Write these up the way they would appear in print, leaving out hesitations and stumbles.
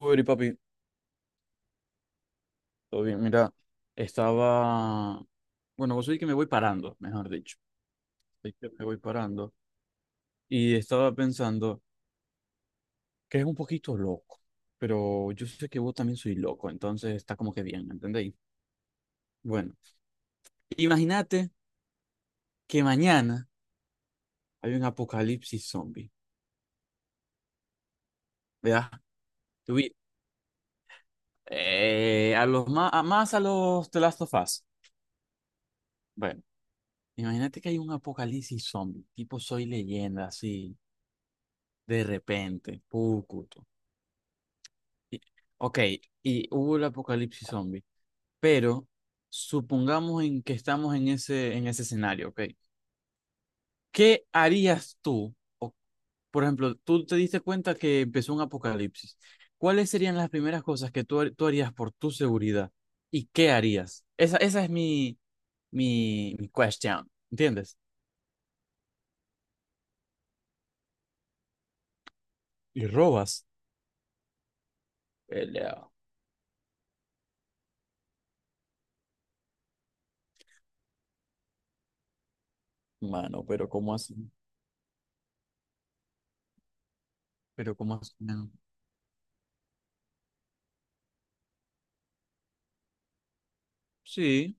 Uy, papi, todo bien, mira, estaba, bueno, vos sabés que me voy parando, mejor dicho, sabés que me voy parando y estaba pensando que es un poquito loco, pero yo sé que vos también soy loco, entonces está como que bien, ¿me entendéis? Bueno, imagínate que mañana hay un apocalipsis zombie, ¿verdad? Tuvi- a más a los The Last of Us. Bueno, imagínate que hay un apocalipsis zombie, tipo Soy Leyenda, así, de repente, pucuto. Y- Ok, y hubo el apocalipsis zombie, pero supongamos en que estamos en ese escenario, ok. ¿Qué harías tú? O, por ejemplo, tú te diste cuenta que empezó un apocalipsis. ¿Cuáles serían las primeras cosas que tú harías por tu seguridad? ¿Y qué harías? Esa es mi question, ¿entiendes? Y robas. Pelea. Mano, pero ¿cómo así? Pero ¿cómo así? Sí.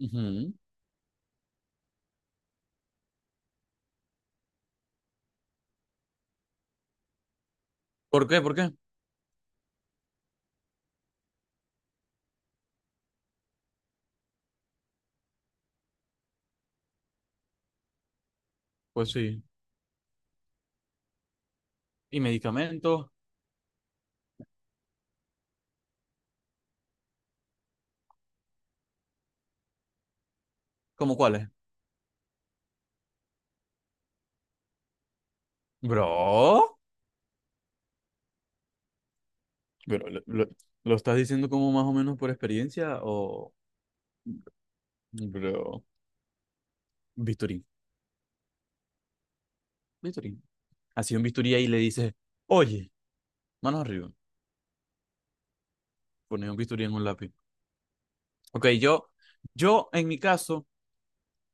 Ujú. ¿Por qué? ¿Por qué? Pues sí. Y medicamentos, ¿cómo cuáles? Bro, Pero lo, lo- ¿lo estás diciendo como más o menos por experiencia o bro, bisturí? Bisturí. Así un bisturí ahí le dices, oye, manos arriba, pone un bisturí en un lápiz. Ok, yo en mi caso,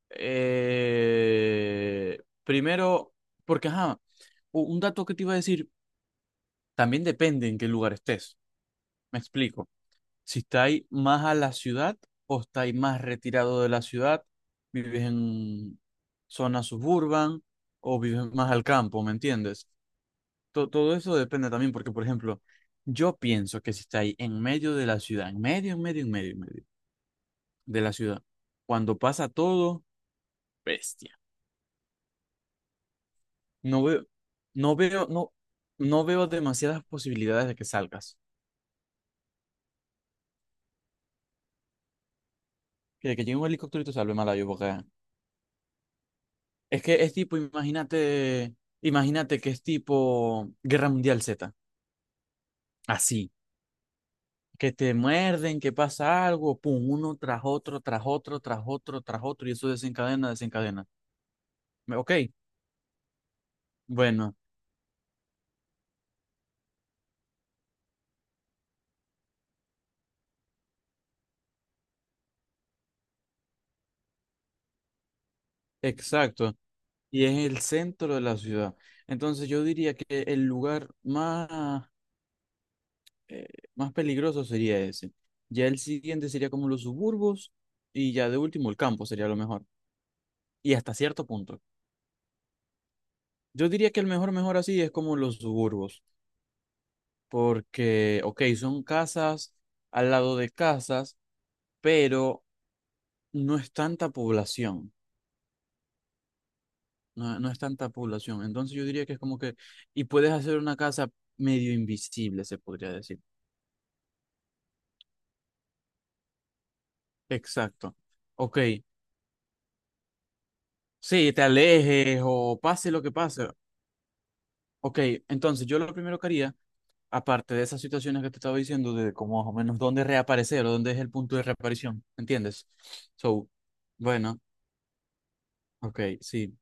primero, porque ajá, un dato que te iba a decir, también depende en qué lugar estés. Me explico. Si estáis más a la ciudad o estáis más retirado de la ciudad, vives en zona suburban o vives más al campo, ¿me entiendes? Todo eso depende también, porque, por ejemplo, yo pienso que si estáis en medio de la ciudad, en medio, en medio, en medio, en medio de la ciudad, cuando pasa todo, bestia. No veo, no veo, no, no veo demasiadas posibilidades de que salgas. Que llegue un helicóptero y te salve, mala yo, porque es que es tipo, imagínate que es tipo Guerra Mundial Z, así, que te muerden, que pasa algo, pum, uno tras otro, tras otro, tras otro, tras otro, y eso desencadena, desencadena. Ok, bueno, exacto, y es el centro de la ciudad. Entonces yo diría que el lugar eh, más peligroso sería ese. Ya el siguiente sería como los suburbos, y ya de último el campo sería lo mejor, y hasta cierto punto. Yo diría que el mejor, mejor así es como los suburbos, porque, ok, son casas al lado de casas, pero no es tanta población, no es tanta población. Entonces yo diría que es como que, y puedes hacer una casa medio invisible, se podría decir. Exacto. Ok, sí, te alejes o pase lo que pase. Ok, entonces yo lo primero que haría, aparte de esas situaciones que te estaba diciendo, de como más o menos dónde reaparecer o dónde es el punto de reaparición, ¿entiendes? So, bueno. Ok, sí.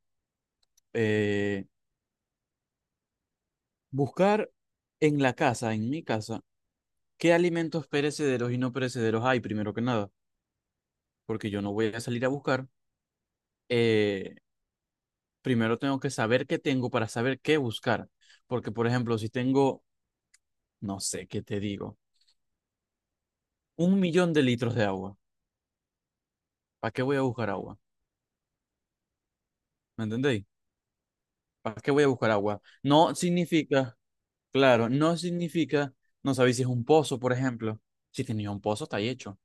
Eh, buscar en la casa, en mi casa, qué alimentos perecederos y no perecederos hay, primero que nada, porque yo no voy a salir a buscar. Eh, primero tengo que saber qué tengo para saber qué buscar, porque por ejemplo, si tengo, no sé qué te digo, un millón de litros de agua, ¿para qué voy a buscar agua? ¿Me entendéis? ¿Para qué voy a buscar agua? No significa, claro, no significa, no sabéis si es un pozo, por ejemplo. Si tenía un pozo, está ahí hecho.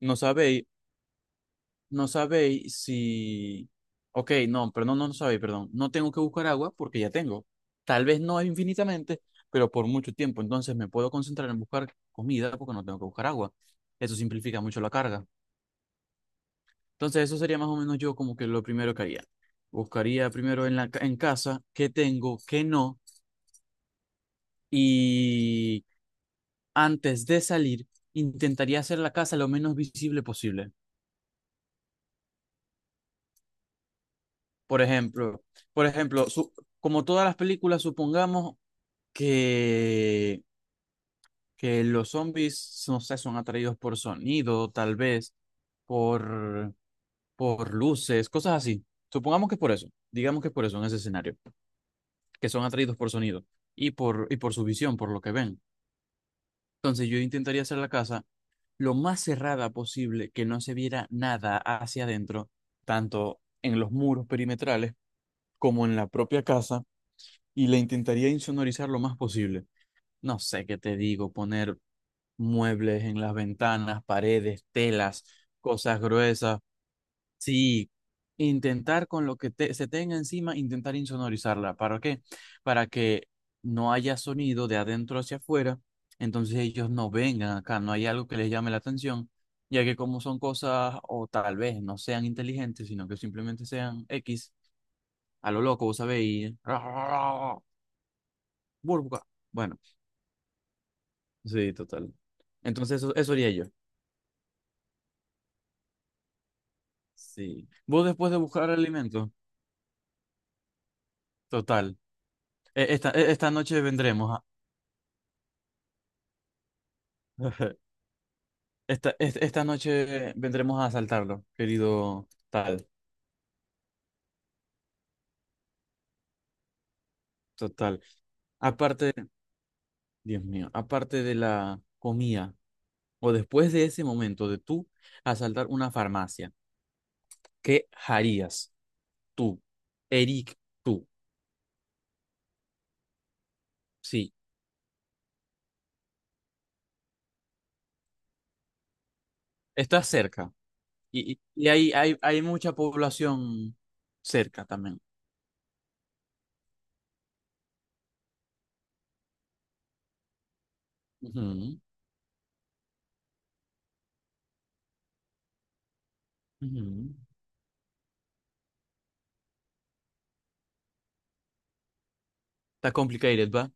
No sabéis No sabéis si. Ok, no, pero no sabéis, perdón. No tengo que buscar agua porque ya tengo. Tal vez no infinitamente, pero por mucho tiempo. Entonces me puedo concentrar en buscar comida porque no tengo que buscar agua. Eso simplifica mucho la carga. Entonces eso sería más o menos yo como que lo primero que haría. Buscaría primero en casa qué tengo, qué no. Y antes de salir, intentaría hacer la casa lo menos visible posible. Por ejemplo, por ejemplo, como todas las películas, supongamos que, que los zombies, no sé, son atraídos por sonido, tal vez, por, por luces, cosas así. Supongamos que es por eso, digamos que es por eso en ese escenario, que son atraídos por sonido y por su visión, por lo que ven. Entonces yo intentaría hacer la casa lo más cerrada posible, que no se viera nada hacia adentro, tanto en los muros perimetrales como en la propia casa, y la intentaría insonorizar lo más posible. No sé qué te digo, poner muebles en las ventanas, paredes, telas, cosas gruesas. Sí, intentar con lo que se tenga encima, intentar insonorizarla. ¿Para qué? Para que no haya sonido de adentro hacia afuera, entonces ellos no vengan acá, no hay algo que les llame la atención, ya que como son cosas o tal vez no sean inteligentes, sino que simplemente sean X, a lo loco, vos sabéis, burbuja. Bueno, sí, total. Entonces eso haría yo. Sí. Vos después de buscar alimento, total. Esta noche vendremos a. Esta noche vendremos a asaltarlo, querido tal, total. Aparte, Dios mío, aparte de la comida, o después de ese momento de tú asaltar una farmacia, ¿qué harías tú, Eric, tú? Sí, estás cerca y hay mucha población cerca también. Ujú, ujú. Está complicated, ¿va?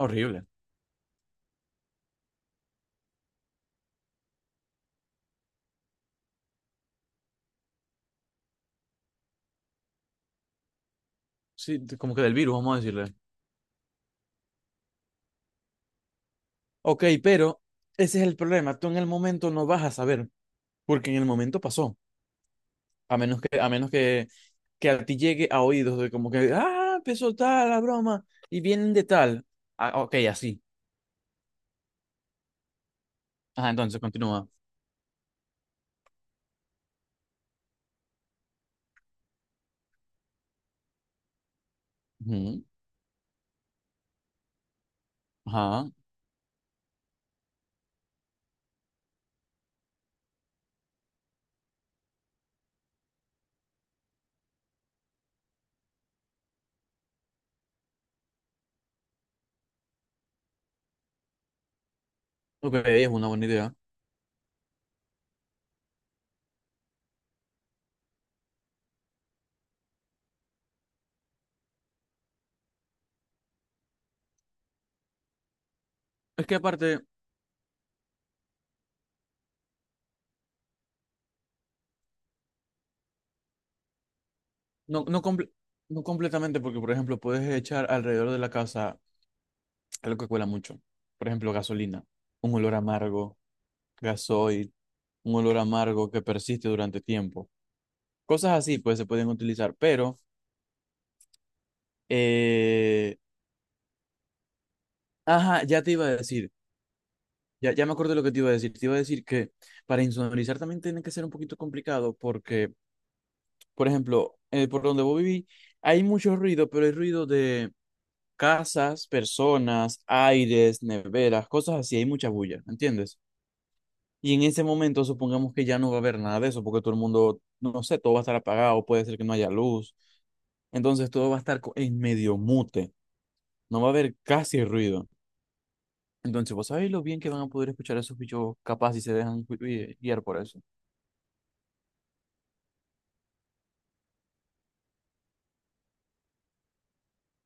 Horrible. Sí, como que del virus, vamos a decirle. Ok, pero ese es el problema. Tú en el momento no vas a saber, porque en el momento pasó. A menos que a ti llegue a oídos de como que, ah, empezó tal la broma y vienen de tal. Ah, ok, así. Ajá, entonces continúa. Ujú, ajá. Ok, es una buena idea. Es que aparte, no, no, comple- no completamente, porque por ejemplo, puedes echar alrededor de la casa algo que cuela mucho. Por ejemplo, gasolina, un olor amargo, gasoil un olor amargo que persiste durante tiempo. Cosas así, pues, se pueden utilizar, pero, eh, ajá, ya te iba a decir, ya me acuerdo de lo que te iba a decir, que para insonorizar también tiene que ser un poquito complicado porque, por ejemplo, por donde vos viví, hay mucho ruido, pero hay ruido de casas, personas, aires, neveras, cosas así, hay mucha bulla, ¿entiendes? Y en ese momento supongamos que ya no va a haber nada de eso, porque todo el mundo, no sé, todo va a estar apagado, puede ser que no haya luz. Entonces todo va a estar en medio mute, no va a haber casi ruido. Entonces, ¿vos sabéis lo bien que van a poder escuchar a esos bichos capaz si se dejan guiar por eso?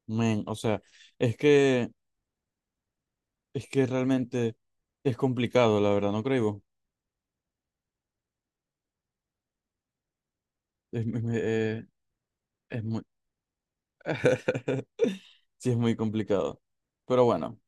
Men, o sea, es que, es que realmente es complicado, la verdad, ¿no creo? Es, es, eh, es muy. Sí, es muy complicado. Pero bueno.